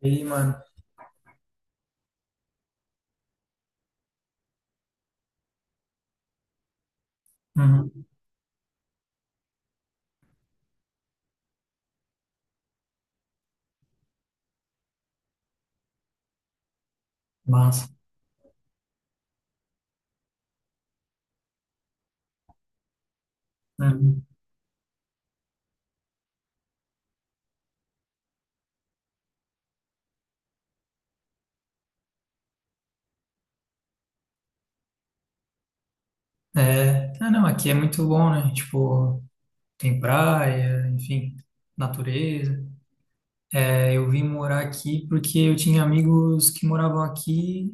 E aí, mano. Uhum. Massa. Uhum. É, ah, não, aqui é muito bom, né? Tipo, tem praia, enfim, natureza. É, eu vim morar aqui porque eu tinha amigos que moravam aqui,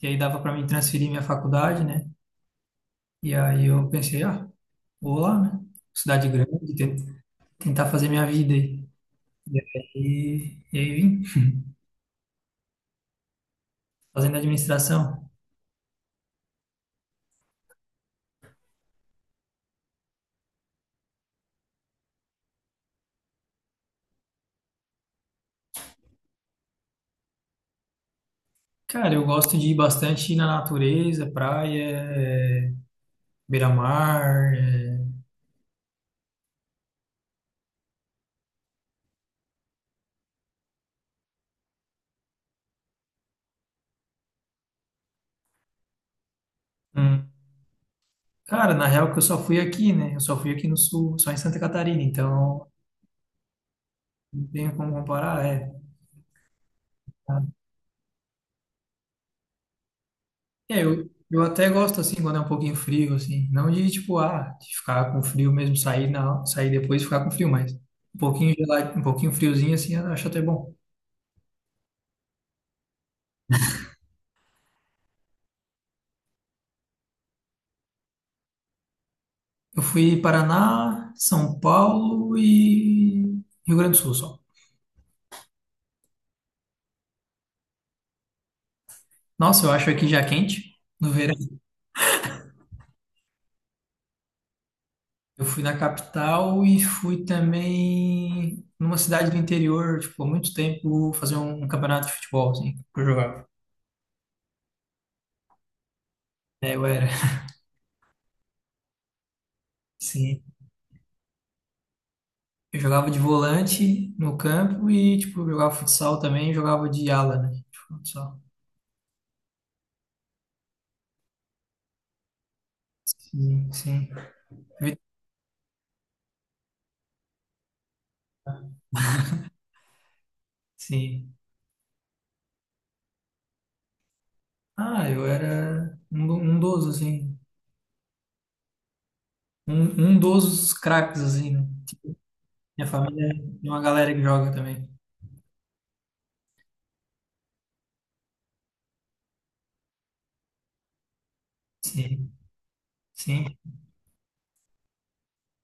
e aí dava para mim transferir minha faculdade, né? E aí eu pensei, ah, vou lá, né? Cidade grande, tentar fazer minha vida aí. E aí vim fazendo administração. Cara, eu gosto de ir bastante na natureza, praia, é, beira-mar, é, hum. Cara, na real que eu só fui aqui, né? Eu só fui aqui no sul, só em Santa Catarina, então não tenho como comparar, é. É, eu até gosto assim quando é um pouquinho frio, assim. Não de tipo, ah, de ficar com frio mesmo, sair depois e ficar com frio, mas um pouquinho gelado, um pouquinho friozinho assim, eu acho até bom. Eu fui Paraná, São Paulo e Rio Grande do Sul só. Nossa, eu acho aqui já quente no verão. Eu fui na capital e fui também numa cidade do interior, tipo, há muito tempo, fazer um campeonato de futebol, assim, que eu jogava. É, eu era, sim. Eu jogava de volante no campo e, tipo, eu jogava futsal também, jogava de ala, né? De futsal. Sim, sim, sim. Ah, eu era um, um dos, assim, um, um dos craques, assim, né? Minha família tem uma galera que joga também. Sim, sim.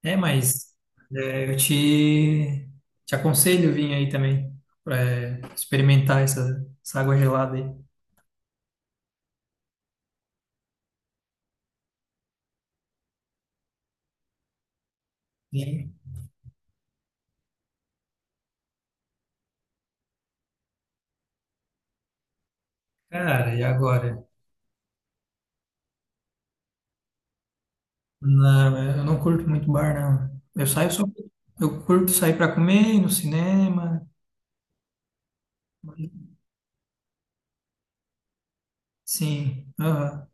É, mas é, te aconselho vir aí também para experimentar essa, essa água gelada aí. E, cara, e agora? Não, eu não curto muito bar, não. Eu saio só. Eu curto sair para comer, ir no cinema. Sim, aham,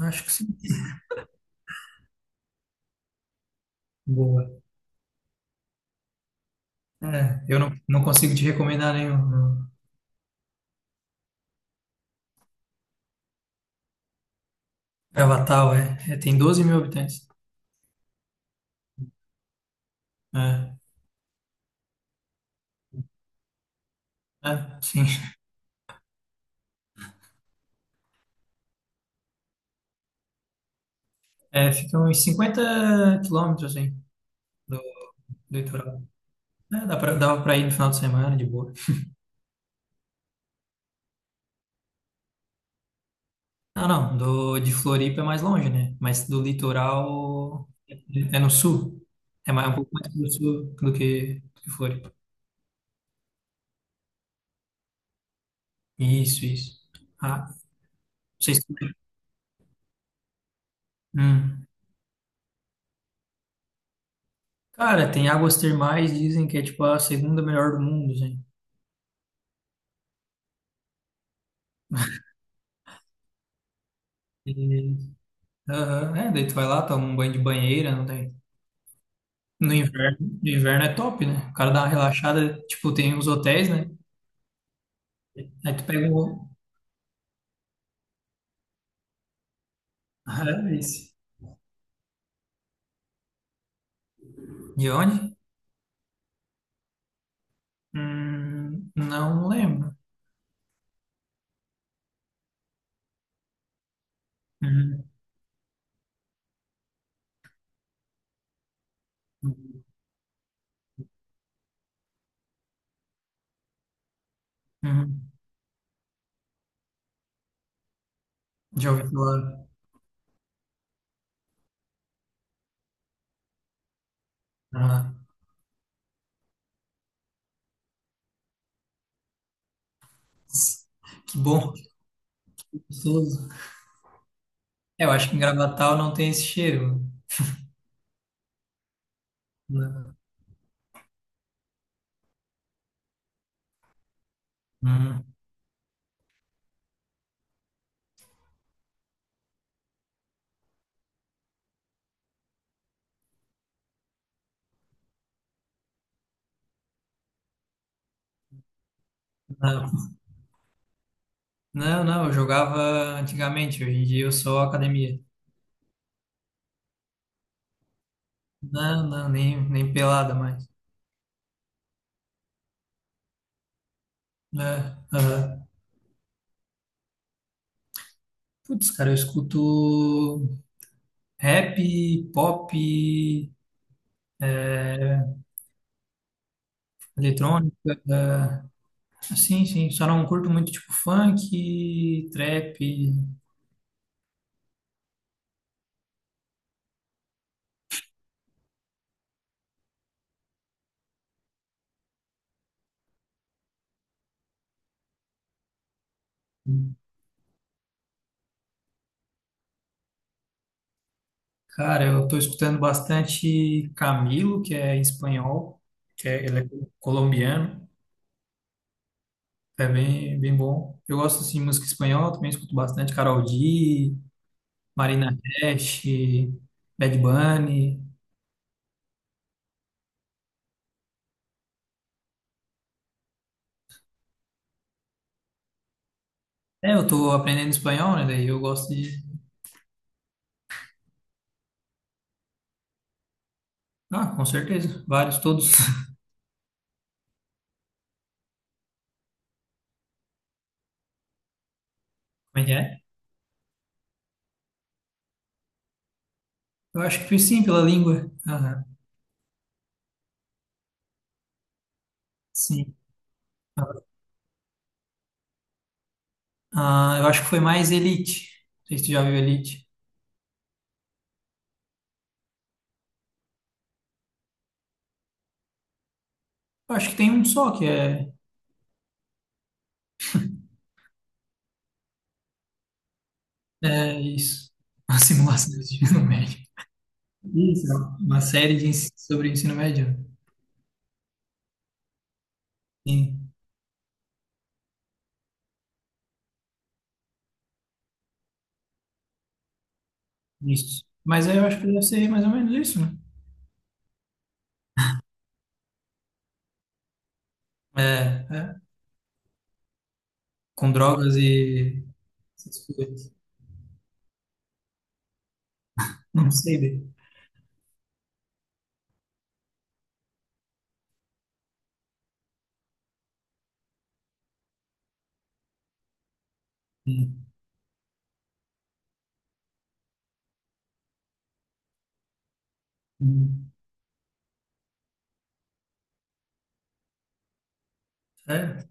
acho que sim. Boa. É, eu não, não consigo te recomendar nenhum. Não. Gravatal, é, é. Tem 12.000 habitantes. É, é, sim. É, fica uns 50 quilômetros, assim, do, do litoral. É, dá pra, dava pra ir no final de semana, de boa. Não, não, do, de Floripa é mais longe, né? Mas do litoral é no sul. É mais, um pouco mais pro sul do que Floripa. Isso, isso. Ah, não sei se... Hum. Cara, tem águas termais, dizem que é tipo a segunda melhor do mundo, gente. E- Aham, é, daí tu vai lá, toma um banho de banheira, não tem. No inverno, no inverno é top, né? O cara dá uma relaxada, tipo, tem uns hotéis, né? Aí tu pega um. Ah, é isso. De onde? Não lembro. Uhum, uhum. Uhum. Já ouvi falar. Ah, que bom, que gostoso. É, eu acho que em Gravatal não tem esse cheiro. Não, hum, não, não, eu jogava antigamente, hoje em dia eu sou academia. Não, não, nem pelada mais. É, aham. Putz, cara, eu escuto rap, pop, é, eletrônica. É, sim, sim, só não curto muito tipo funk, trap. Cara, eu tô escutando bastante Camilo, que é espanhol, que é, ele é colombiano, é bem bom. Eu gosto assim, de música espanhola, também escuto bastante Karol G, Marina Cash, Bad Bunny. É, eu tô aprendendo espanhol, né? Daí eu gosto de. Ah, com certeza, vários, todos. Como é que é? Eu acho que foi sim, pela língua. Aham, sim. Ah, eu acho que foi mais Elite. Não sei se tu já viu Elite. Eu acho que tem um só que é. É isso. Uma simulação de ensino médio. Isso, é uma série sobre ensino médio. Sim, isso. Mas aí eu acho que deve ser mais ou menos isso, né? É, é. Com drogas e essas coisas. Não sei, bem. Hum, hum. É,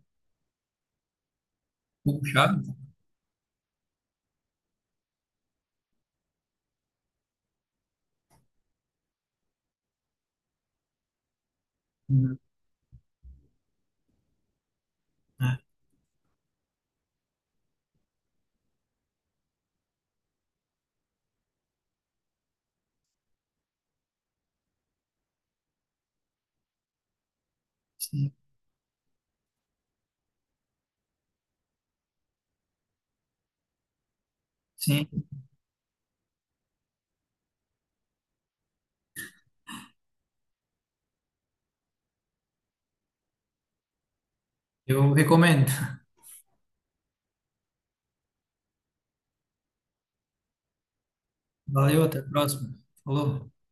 um puxado. Hum, é, sim, sim. Eu recomendo. Valeu, até a próxima. Falou.